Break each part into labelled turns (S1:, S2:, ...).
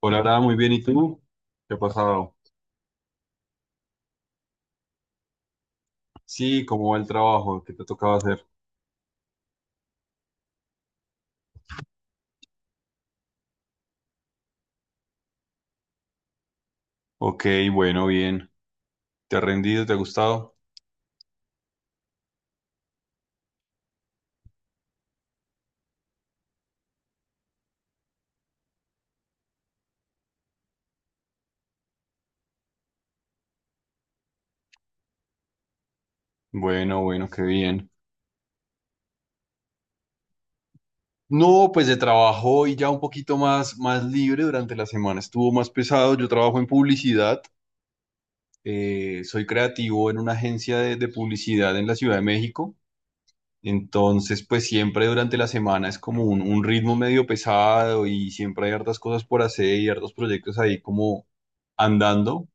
S1: Hola, Ara, muy bien. ¿Y tú? ¿Qué ha pasado? Sí, ¿cómo va el trabajo? ¿Qué te tocaba hacer? Ok, bueno, bien. ¿Te ha rendido? ¿Te ha gustado? Bueno, bueno, qué bien. No, pues de trabajo y ya un poquito más libre durante la semana. Estuvo más pesado. Yo trabajo en publicidad. Soy creativo en una agencia de publicidad en la Ciudad de México. Entonces, pues siempre durante la semana es como un ritmo medio pesado y siempre hay hartas cosas por hacer y hartos proyectos ahí como andando.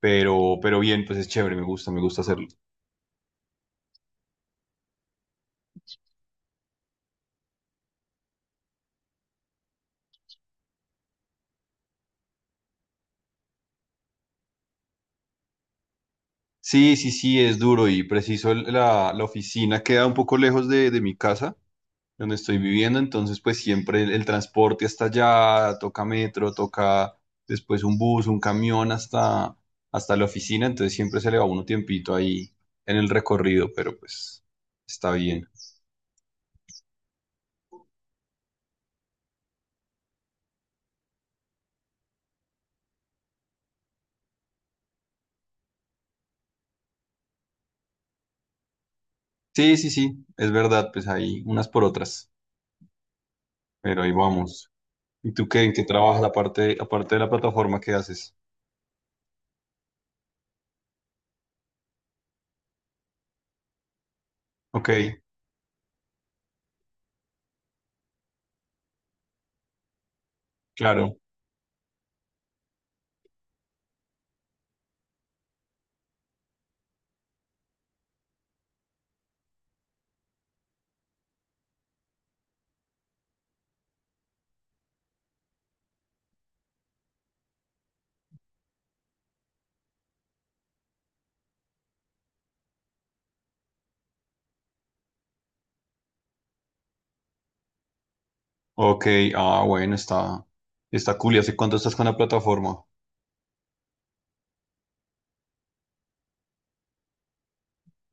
S1: Pero bien, pues es chévere, me gusta hacerlo. Sí, sí, sí, es duro y preciso la oficina queda un poco lejos de mi casa, donde estoy viviendo, entonces pues siempre el transporte hasta allá, toca metro, toca después un bus, un camión hasta la oficina, entonces siempre se le va uno tiempito ahí en el recorrido, pero pues está bien. Sí, sí, sí, es verdad, pues hay unas por otras, pero ahí vamos. ¿Y tú qué, en qué trabajas aparte de la plataforma, qué haces? Ok. Claro. Ok, ah, bueno, está cool. ¿Y hace cuánto estás con la plataforma?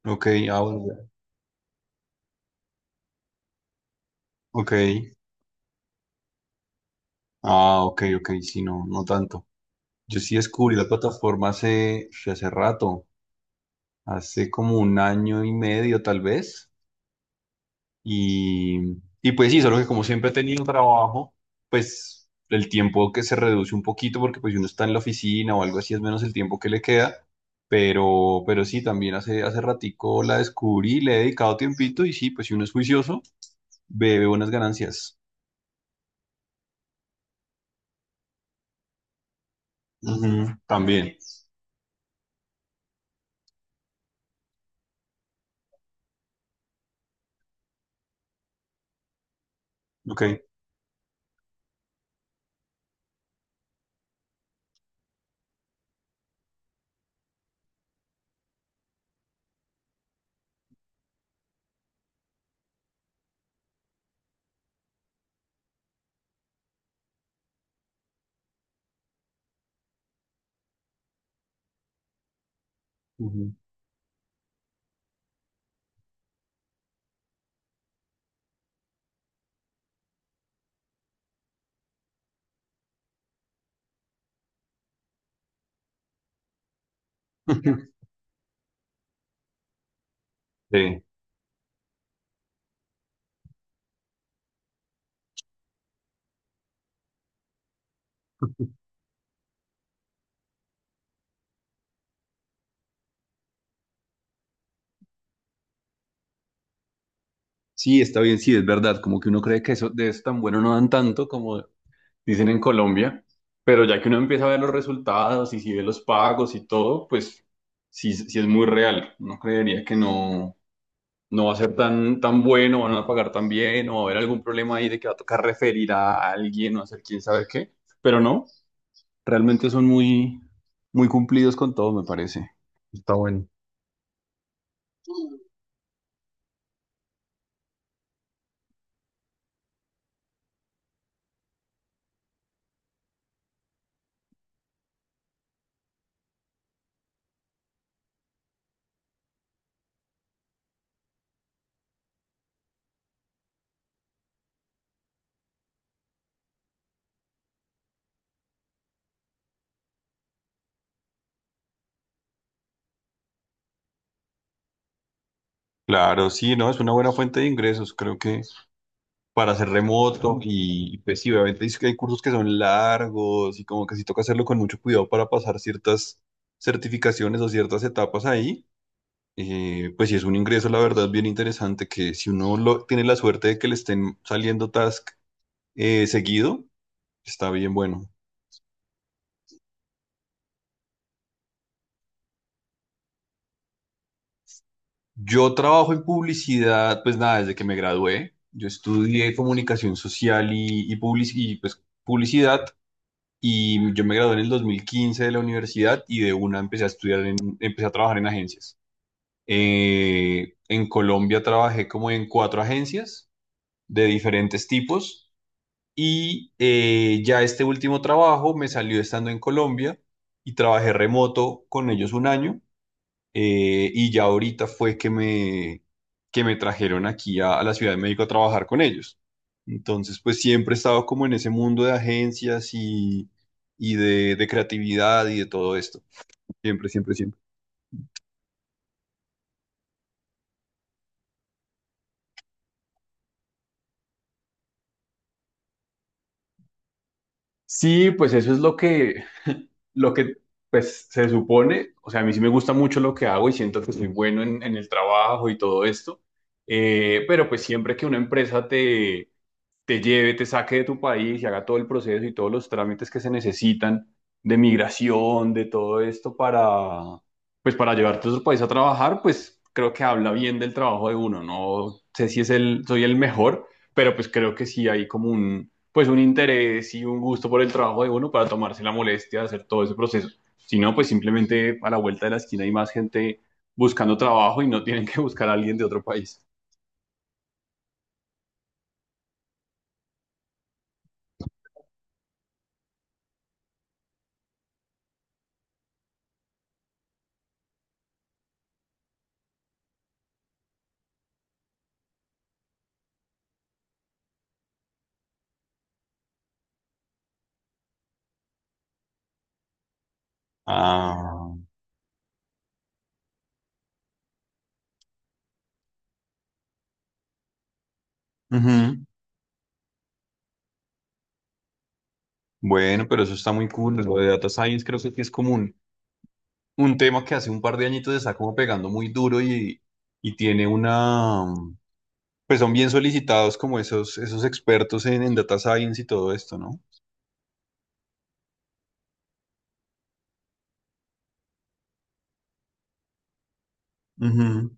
S1: Ok, ah, bueno, ya. Ok. Ah, ok, ok, sí, no, no tanto. Yo sí descubrí la plataforma hace, sí, hace rato, hace como un año y medio tal vez. Y, y pues sí, solo que como siempre he tenido trabajo, pues el tiempo que se reduce un poquito porque pues si uno está en la oficina o algo así es menos el tiempo que le queda, pero sí, también hace ratico la descubrí, le he dedicado tiempito y sí, pues si uno es juicioso, ve buenas ganancias. Ujú, también. Ok. Ujú. Sí, sí, está bien, sí, es verdad, como que uno cree que eso, de eso tan bueno no dan tanto como, dicen en Colombia, pero ya que uno empieza a ver los resultados y si ve los pagos y todo, pues sí, sí es muy real. Uno creería que no, no va a ser tan bueno, van a pagar tan bien, o va a haber algún problema ahí de que va a tocar referir a alguien o hacer quién sabe qué, pero no, realmente son muy, muy cumplidos con todo, me parece. Claro, sí, no, es una buena fuente de ingresos, creo que para hacer remoto y pues sí, obviamente dice que hay cursos que son largos y como que sí toca hacerlo con mucho cuidado para pasar ciertas certificaciones o ciertas etapas ahí. Pues sí es un ingreso, la verdad, bien interesante que si uno lo, tiene la suerte de que le estén saliendo task seguido, está bien bueno. Yo trabajo en publicidad, pues nada, desde que me gradué. Yo estudié comunicación social y pues, publicidad. Y yo me gradué en el 2015 de la universidad y de una empecé a estudiar, empecé a trabajar en agencias. En Colombia trabajé como en cuatro agencias de diferentes tipos y ya este último trabajo me salió estando en Colombia y trabajé remoto con ellos un año y ya ahorita fue que que me trajeron aquí a la Ciudad de México a trabajar con ellos. Entonces, pues siempre he estado como en ese mundo de agencias y de creatividad y de todo esto. Siempre, siempre, siempre. Sí, pues eso es lo que, lo que pues, se supone. O sea, a mí sí me gusta mucho lo que hago y siento que soy bueno en el trabajo y todo esto. Pero pues siempre que una empresa te lleve, te saque de tu país y haga todo el proceso y todos los trámites que se necesitan de migración, de todo esto para, pues para llevarte a otro país a trabajar, pues creo que habla bien del trabajo de uno. No sé si soy el mejor, pero pues creo que sí hay como un, pues un interés y un gusto por el trabajo de uno para tomarse la molestia de hacer todo ese proceso. Si no, pues simplemente a la vuelta de la esquina hay más gente buscando trabajo y no tienen que buscar a alguien de otro país. Ah. Ujú. Bueno, pero eso está muy cool. Lo de data science creo que sí es como un tema que hace un par de añitos está como pegando muy duro y tiene una. Pues son bien solicitados como esos expertos en data science y todo esto, ¿no? Ujú,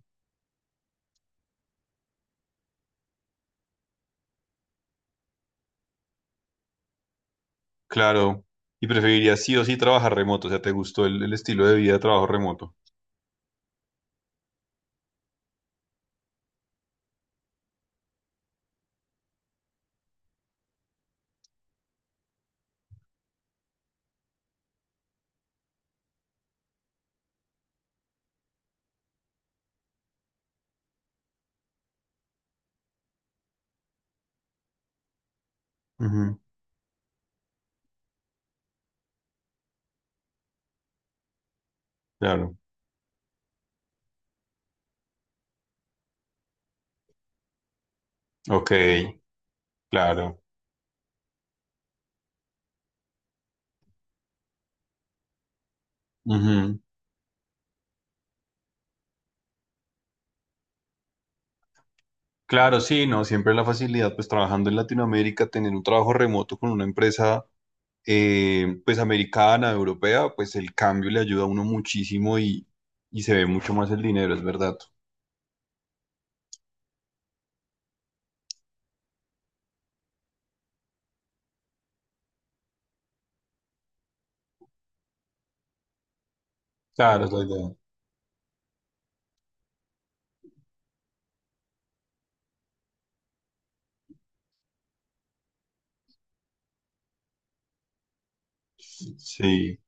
S1: claro. Y preferirías sí o sí trabajar remoto. O sea, ¿te gustó el estilo de vida de trabajo remoto? Ujú, claro. Ok, claro. Ujú. Claro, sí, no, siempre la facilidad, pues trabajando en Latinoamérica, tener un trabajo remoto con una empresa pues americana, europea, pues el cambio le ayuda a uno muchísimo y se ve mucho más el dinero, es verdad. Claro, es la idea. Sí,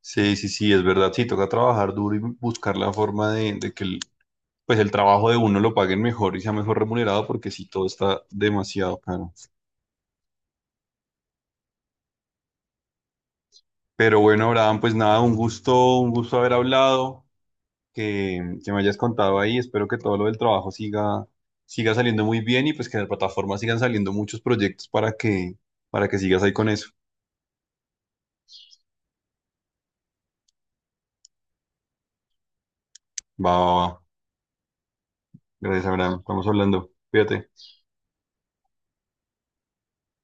S1: sí, sí, sí, es verdad. Sí, toca trabajar duro y buscar la forma de que el, pues el trabajo de uno lo paguen mejor y sea mejor remunerado, porque sí, todo está demasiado caro. Pero bueno, Abraham, pues nada, un gusto haber hablado. Que me hayas contado ahí. Espero que todo lo del trabajo siga saliendo muy bien y pues que en la plataforma sigan saliendo muchos proyectos para que sigas ahí con eso. Va, va, va. Gracias, Abraham. Estamos hablando. Cuídate.